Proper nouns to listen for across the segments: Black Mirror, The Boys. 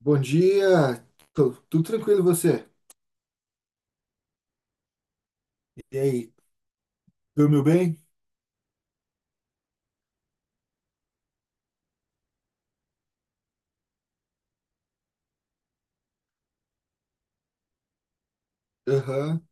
Bom dia, tudo tranquilo e você? E aí, dormiu bem? Aham,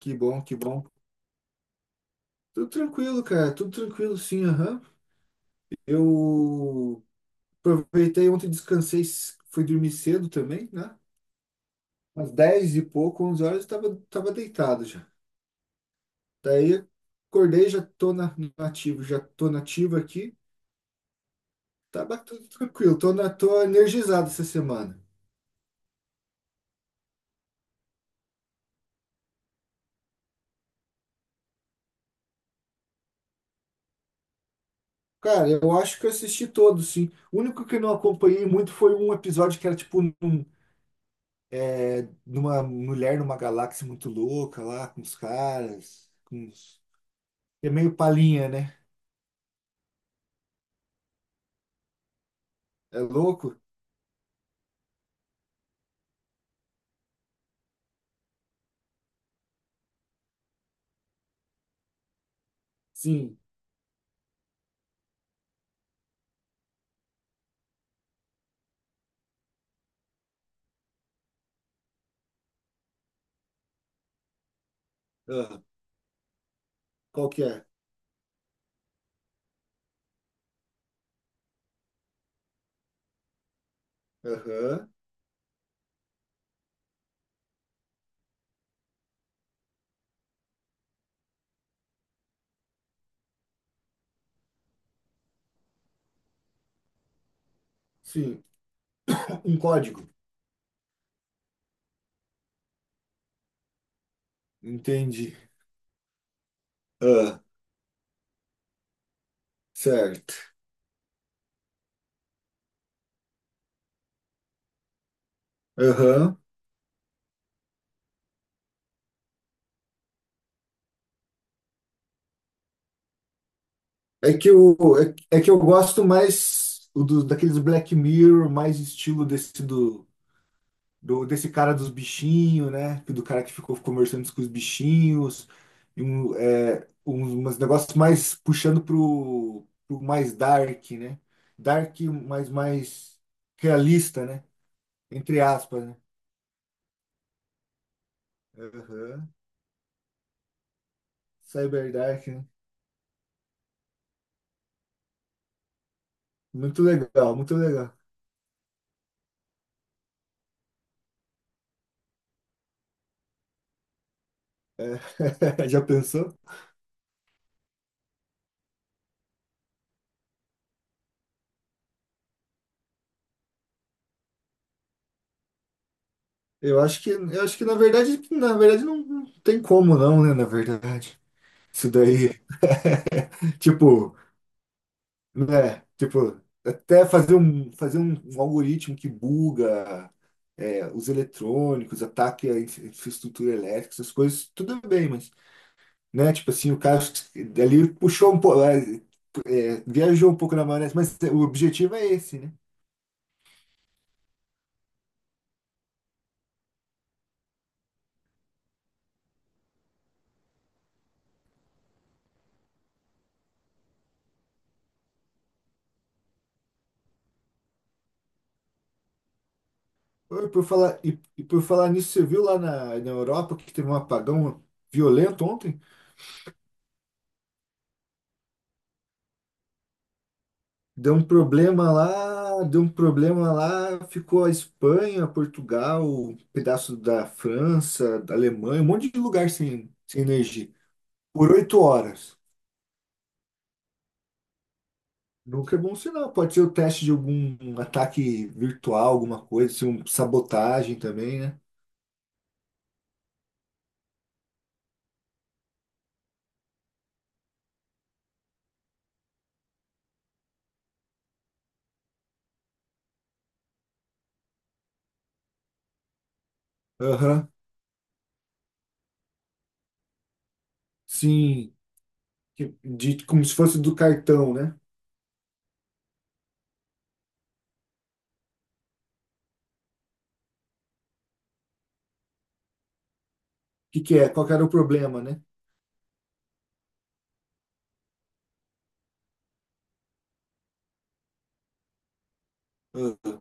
que bom, que bom. Tudo tranquilo, cara, tudo tranquilo sim, aham. Eu aproveitei ontem, descansei, fui dormir cedo também, né? Umas 10 e pouco, 11 horas, eu tava, deitado já. Daí acordei, já tô no ativo, já tô nativo aqui. Tá, tudo tranquilo, tô energizado essa semana. Cara, eu acho que eu assisti todos, sim. O único que eu não acompanhei muito foi um episódio que era tipo um. Numa mulher numa galáxia muito louca lá, com os caras, com os... É meio palhinha, né? É louco? Sim. Ah, qual que é? Aham. Sim. Um código. Entendi. Ah, certo. Aham. É que eu, é que eu gosto mais daqueles Black Mirror, mais estilo desse desse cara dos bichinhos, né? Que Do cara que ficou conversando com os bichinhos, e umas negócios mais puxando pro, mais dark, né? Dark, mas mais realista, né? Entre aspas, né? Aham. Cyber dark, né? Muito legal, muito legal. Já pensou? Eu acho que na verdade, não, não tem como não, né? Na verdade, isso daí, tipo né? Tipo, até fazer um, algoritmo que buga, os eletrônicos, ataque a infraestrutura elétrica, essas coisas, tudo bem, mas, né? Tipo assim, o cara ali puxou um pouco, viajou um pouco na maionese, mas o objetivo é esse, né? Oi. Por falar nisso, você viu lá na Europa que teve um apagão violento ontem? Deu um problema lá, deu um problema lá, ficou a Espanha, Portugal, um pedaço da França, da Alemanha, um monte de lugar sem energia. Por oito horas. Nunca é bom sinal. Pode ser o teste de algum ataque virtual, alguma coisa, se um sabotagem também, né? Aham, sim. Como se fosse do cartão, né? O que que é? Qual que era o problema, né? Ah,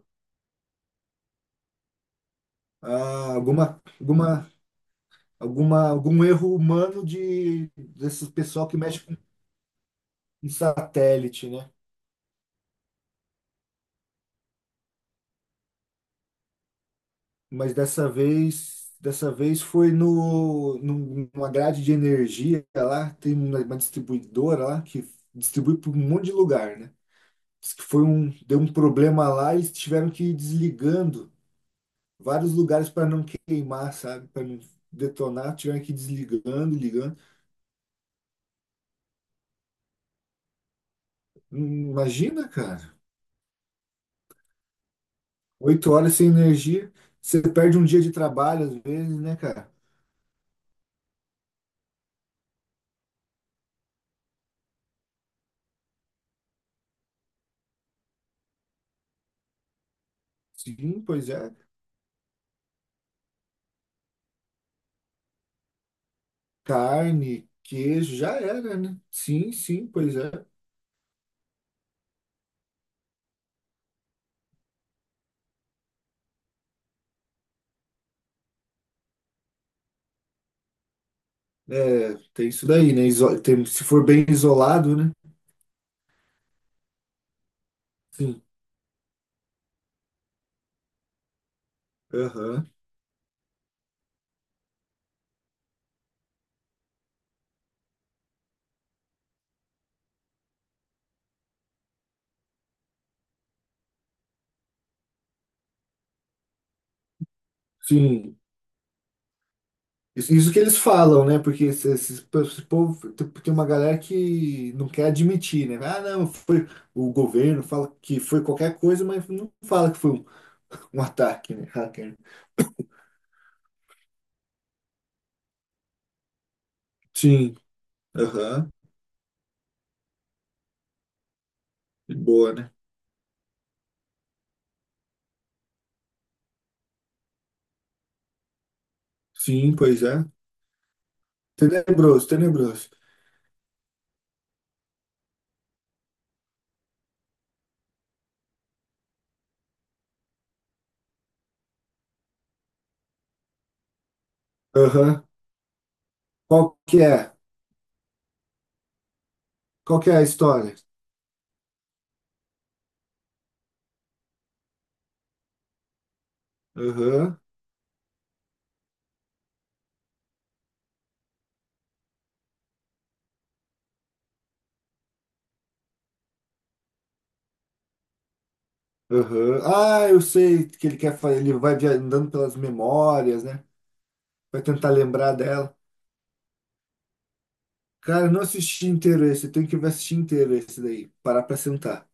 ah, alguma, alguma, algum erro humano desse pessoal que mexe em satélite, né? Mas dessa vez, foi no, num- numa grade de energia lá, tem uma distribuidora lá que distribui para um monte de lugar, né? Diz que deu um problema lá, e eles tiveram que ir desligando vários lugares para não queimar, sabe? Para não detonar, tiveram que ir desligando, ligando. Imagina, cara, oito horas sem energia, você perde um dia de trabalho às vezes, né, cara? Sim, pois é. Carne, queijo, já era, né? Sim, sim, pois é. É, tem isso daí, né? Se for bem isolado, né? Sim, aham. Sim. Isso que eles falam, né? Porque esse povo, tem uma galera que não quer admitir, né? Ah, não, foi o governo fala que foi qualquer coisa, mas não fala que foi um ataque, né? Hacker. Sim, aham. Boa, né? Sim, pois é. Tenebroso, tenebroso. Aham. Qual que é? Qual que é a história? Aham, aham. Ah, eu sei que ele quer fazer, ele vai andando pelas memórias, né? Vai tentar lembrar dela. Cara, eu não assisti inteiro esse, eu tenho que ver assistir inteiro esse daí, parar pra sentar.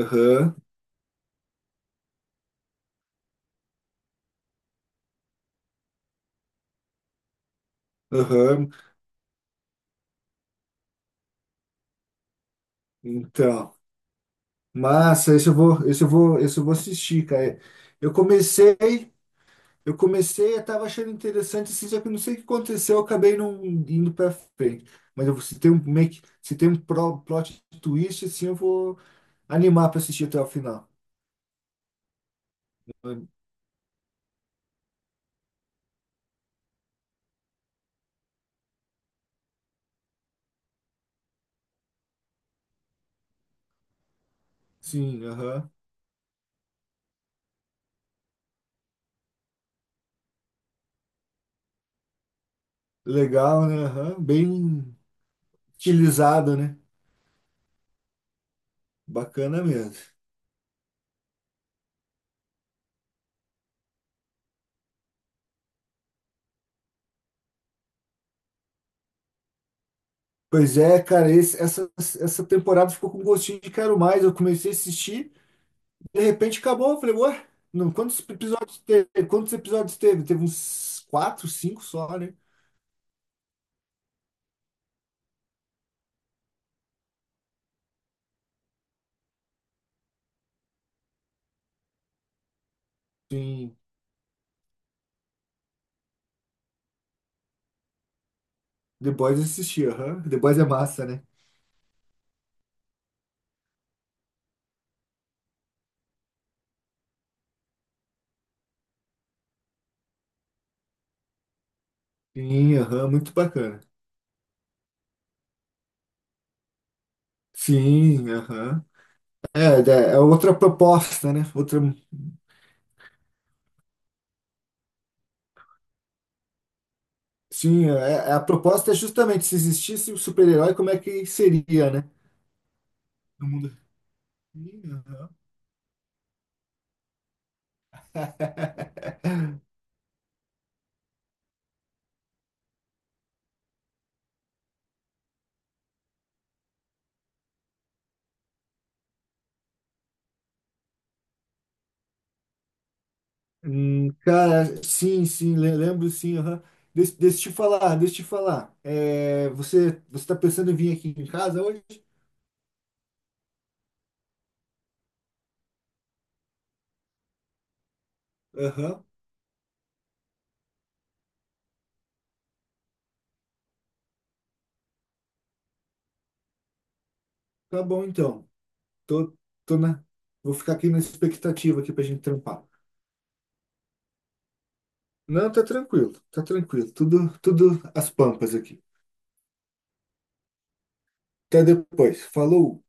Aham, aham. Então, massa, esse eu vou assistir, cara. Eu comecei, eu comecei, eu tava achando interessante assim, só que eu não sei o que aconteceu, eu acabei não indo pra frente. Mas eu, se tem um, make se tem um plot twist, assim, eu vou animar pra assistir até o final. Sim, aham. Legal, né? Aham. Bem utilizado, né? Bacana mesmo. Pois é, cara, essa temporada ficou com gostinho de quero mais. Eu comecei a assistir, de repente acabou. Eu falei, ué, não, quantos episódios teve? Quantos episódios teve? Teve uns quatro, cinco só, né? Sim, The Boys eu assisti, aham. The Boys é massa, né? Sim, aham, muito bacana. Sim, aham. É, É outra proposta, né? Outra. Sim, a proposta é justamente se existisse o super-herói, como é que seria, né? No mundo. Ih, aham. Cara, sim, sim, lembro sim. Aham. Deixa eu te falar, deixa eu te falar. É, você tá pensando em vir aqui em casa hoje? Aham, tá bom então. Tô, tô na, Vou ficar aqui na expectativa aqui pra gente trampar. Não, tá tranquilo, tá tranquilo. Tudo, tudo às pampas aqui. Até depois. Falou!